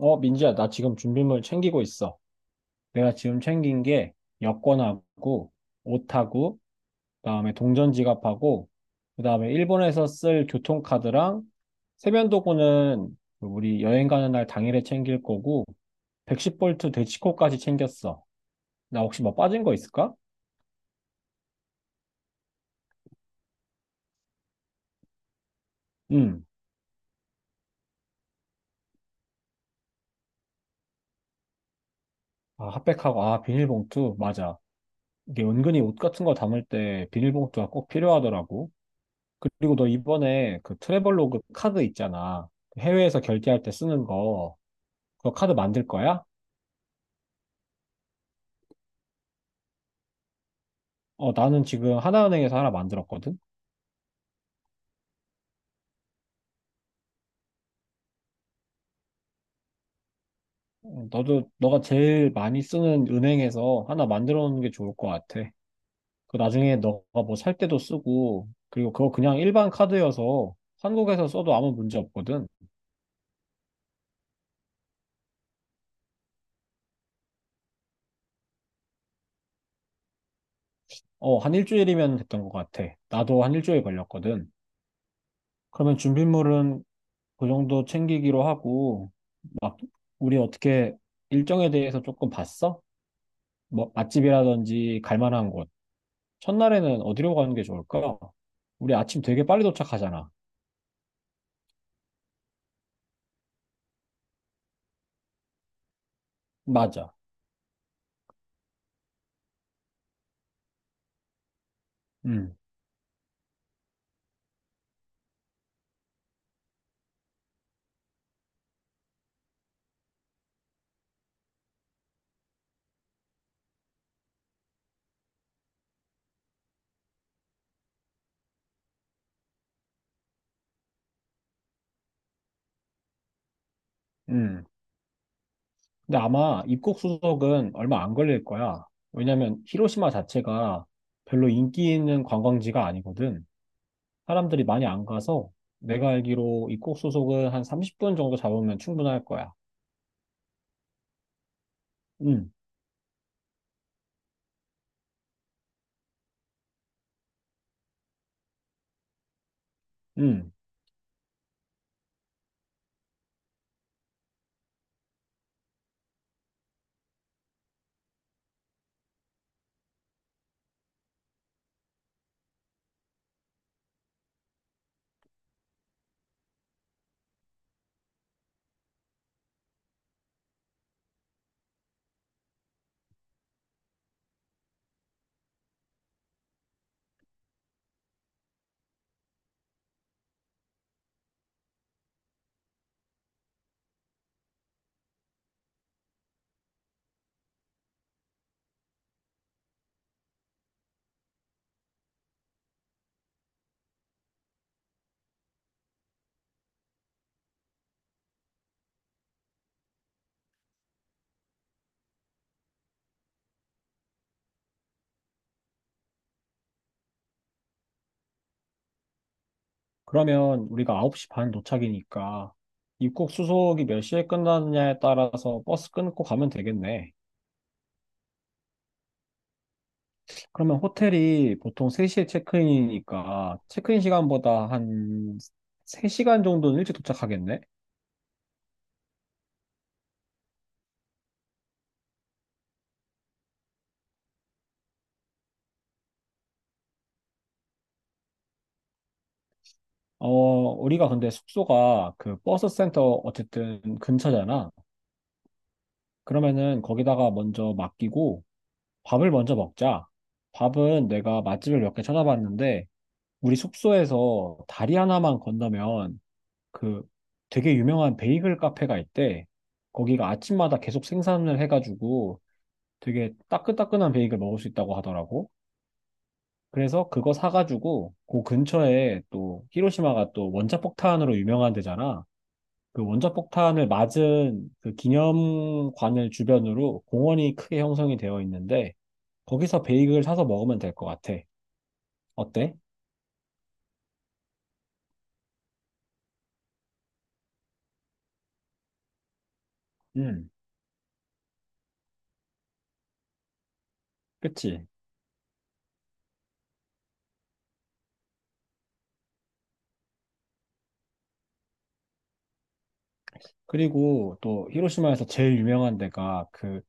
어, 민지야, 나 지금 준비물 챙기고 있어. 내가 지금 챙긴 게 여권하고 옷하고 그다음에 동전 지갑하고 그다음에 일본에서 쓸 교통카드랑 세면도구는 우리 여행 가는 날 당일에 챙길 거고 110볼트 대치코까지 챙겼어. 나 혹시 뭐 빠진 거 있을까? 응. 아, 핫팩하고 아, 비닐봉투 맞아. 이게 은근히 옷 같은 거 담을 때 비닐봉투가 꼭 필요하더라고. 그리고 너 이번에 그 트래블로그 카드 있잖아. 그 해외에서 결제할 때 쓰는 거. 그거 카드 만들 거야? 어, 나는 지금 하나은행에서 하나 만들었거든? 어, 너도, 너가 제일 많이 쓰는 은행에서 하나 만들어 놓는 게 좋을 것 같아. 그 나중에 너가 뭐 살 때도 쓰고, 그리고 그거 그냥 일반 카드여서 한국에서 써도 아무 문제 없거든. 어, 한 일주일이면 됐던 것 같아. 나도 한 일주일 걸렸거든. 그러면 준비물은 그 정도 챙기기로 하고, 막, 우리 어떻게 일정에 대해서 조금 봤어? 뭐, 맛집이라든지 갈 만한 곳. 첫날에는 어디로 가는 게 좋을까? 우리 아침 되게 빨리 도착하잖아. 맞아. 음, 음. 근데 아마 입국 수속은 얼마 안 걸릴 거야. 왜냐면 히로시마 자체가 별로 인기 있는 관광지가 아니거든. 사람들이 많이 안 가서 내가 알기로 입국 수속은 한 30분 정도 잡으면 충분할 거야. 음, 음. 그러면 우리가 9시 반 도착이니까 입국 수속이 몇 시에 끝나느냐에 따라서 버스 끊고 가면 되겠네. 그러면 호텔이 보통 3시에 체크인이니까 체크인 시간보다 한 3시간 정도는 일찍 도착하겠네. 어, 우리가 근데 숙소가 그 버스 센터 어쨌든 근처잖아. 그러면은 거기다가 먼저 맡기고 밥을 먼저 먹자. 밥은 내가 맛집을 몇 개 찾아봤는데 우리 숙소에서 다리 하나만 건너면 그 되게 유명한 베이글 카페가 있대. 거기가 아침마다 계속 생산을 해가지고 되게 따끈따끈한 베이글 먹을 수 있다고 하더라고. 그래서 그거 사가지고 그 근처에 또 히로시마가 또 원자폭탄으로 유명한 데잖아. 그 원자폭탄을 맞은 그 기념관을 주변으로 공원이 크게 형성이 되어 있는데 거기서 베이글 사서 먹으면 될 것 같아. 어때? 음, 그치? 그리고 또 히로시마에서 제일 유명한 데가 그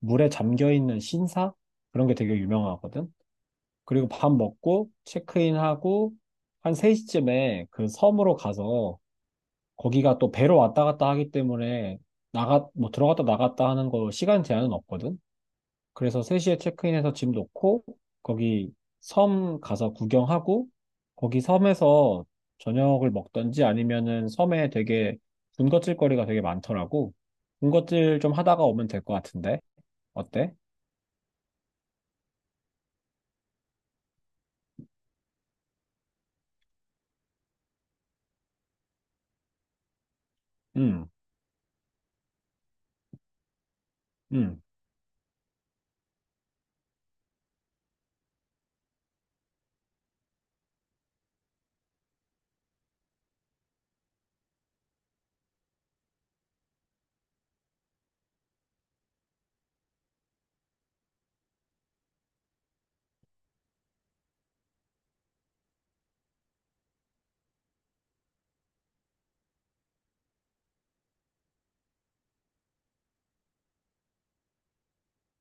물에 잠겨 있는 신사? 그런 게 되게 유명하거든. 그리고 밥 먹고 체크인하고 한 3시쯤에 그 섬으로 가서 거기가 또 배로 왔다 갔다 하기 때문에 나가 뭐 들어갔다 나갔다 하는 거 시간 제한은 없거든. 그래서 3시에 체크인해서 짐 놓고 거기 섬 가서 구경하고 거기 섬에서 저녁을 먹던지 아니면은 섬에 되게 군것질 거리가 되게 많더라고. 군것질 좀 하다가 오면 될 것 같은데. 어때? 음, 음.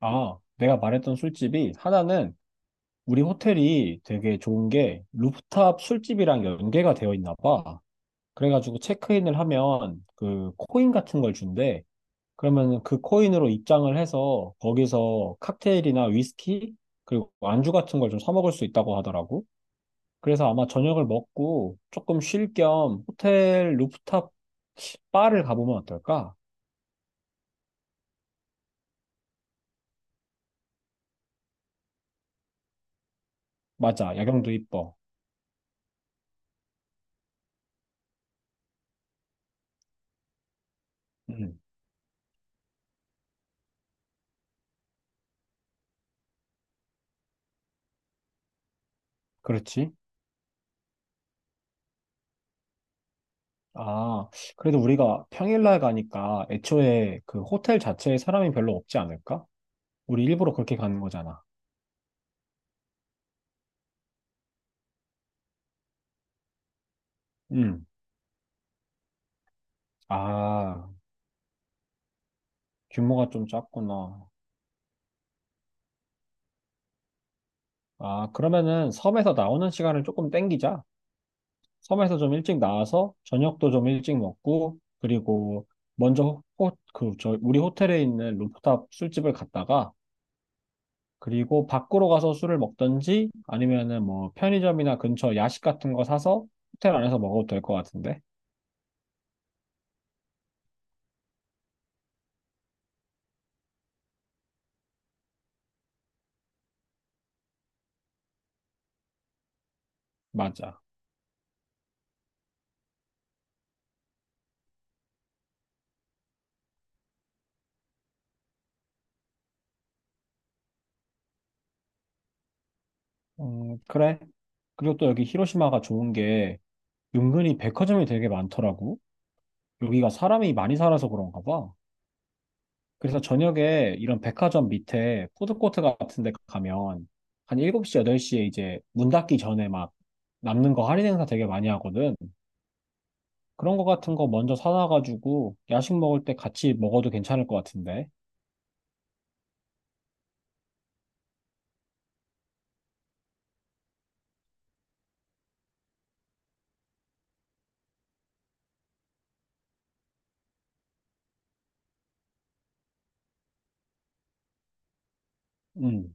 아, 내가 말했던 술집이 하나는 우리 호텔이 되게 좋은 게 루프탑 술집이랑 연계가 되어 있나 봐. 그래가지고 체크인을 하면 그 코인 같은 걸 준대. 그러면 그 코인으로 입장을 해서 거기서 칵테일이나 위스키 그리고 안주 같은 걸 좀 사 먹을 수 있다고 하더라고. 그래서 아마 저녁을 먹고 조금 쉴 겸 호텔 루프탑 바를 가보면 어떨까? 맞아, 야경도 이뻐. 음, 그렇지. 아, 그래도 우리가 평일날 가니까 애초에 그 호텔 자체에 사람이 별로 없지 않을까? 우리 일부러 그렇게 가는 거잖아. 음, 아, 규모가 좀 작구나. 아, 그러면은 섬에서 나오는 시간을 조금 땡기자. 섬에서 좀 일찍 나와서 저녁도 좀 일찍 먹고, 그리고 먼저 호, 그, 저, 우리 호텔에 있는 루프탑 술집을 갔다가, 그리고 밖으로 가서 술을 먹든지, 아니면은 뭐 편의점이나 근처 야식 같은 거 사서 호텔 안에서 먹어도 될 것 같은데? 맞아. 그래. 그리고 또 여기 히로시마가 좋은 게 은근히 백화점이 되게 많더라고. 여기가 사람이 많이 살아서 그런가 봐. 그래서 저녁에 이런 백화점 밑에 푸드코트 같은 데 가면 한 7시, 8시에 이제 문 닫기 전에 막 남는 거 할인 행사 되게 많이 하거든. 그런 거 같은 거 먼저 사놔가지고 야식 먹을 때 같이 먹어도 괜찮을 것 같은데. 음.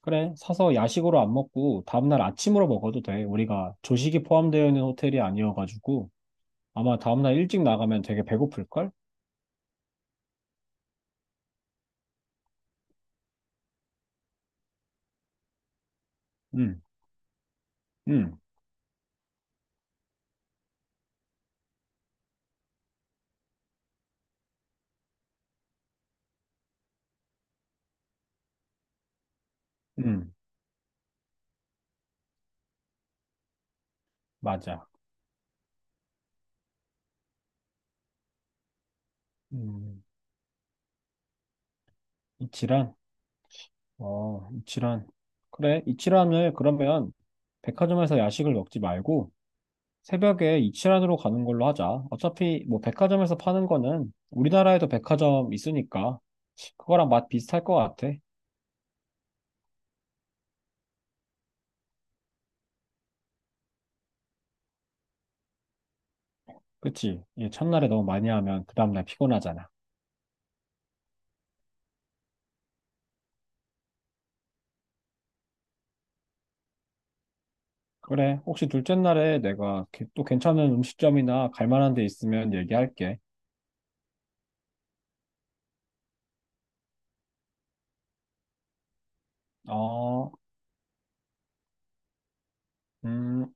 그래. 사서 야식으로 안 먹고 다음날 아침으로 먹어도 돼. 우리가 조식이 포함되어 있는 호텔이 아니어가지고 아마 다음날 일찍 나가면 되게 배고플걸? 음, 음, 음. 맞아. 음. 이치란? 어, 이치란. 그래, 이치란을 그러면 백화점에서 야식을 먹지 말고 새벽에 이치란으로 가는 걸로 하자. 어차피 뭐 백화점에서 파는 거는 우리나라에도 백화점 있으니까 그거랑 맛 비슷할 것 같아. 그치? 예, 첫날에 너무 많이 하면 그 다음날 피곤하잖아. 그래, 혹시 둘째 날에 내가 또 괜찮은 음식점이나 갈 만한 데 있으면 얘기할게. 어, 음,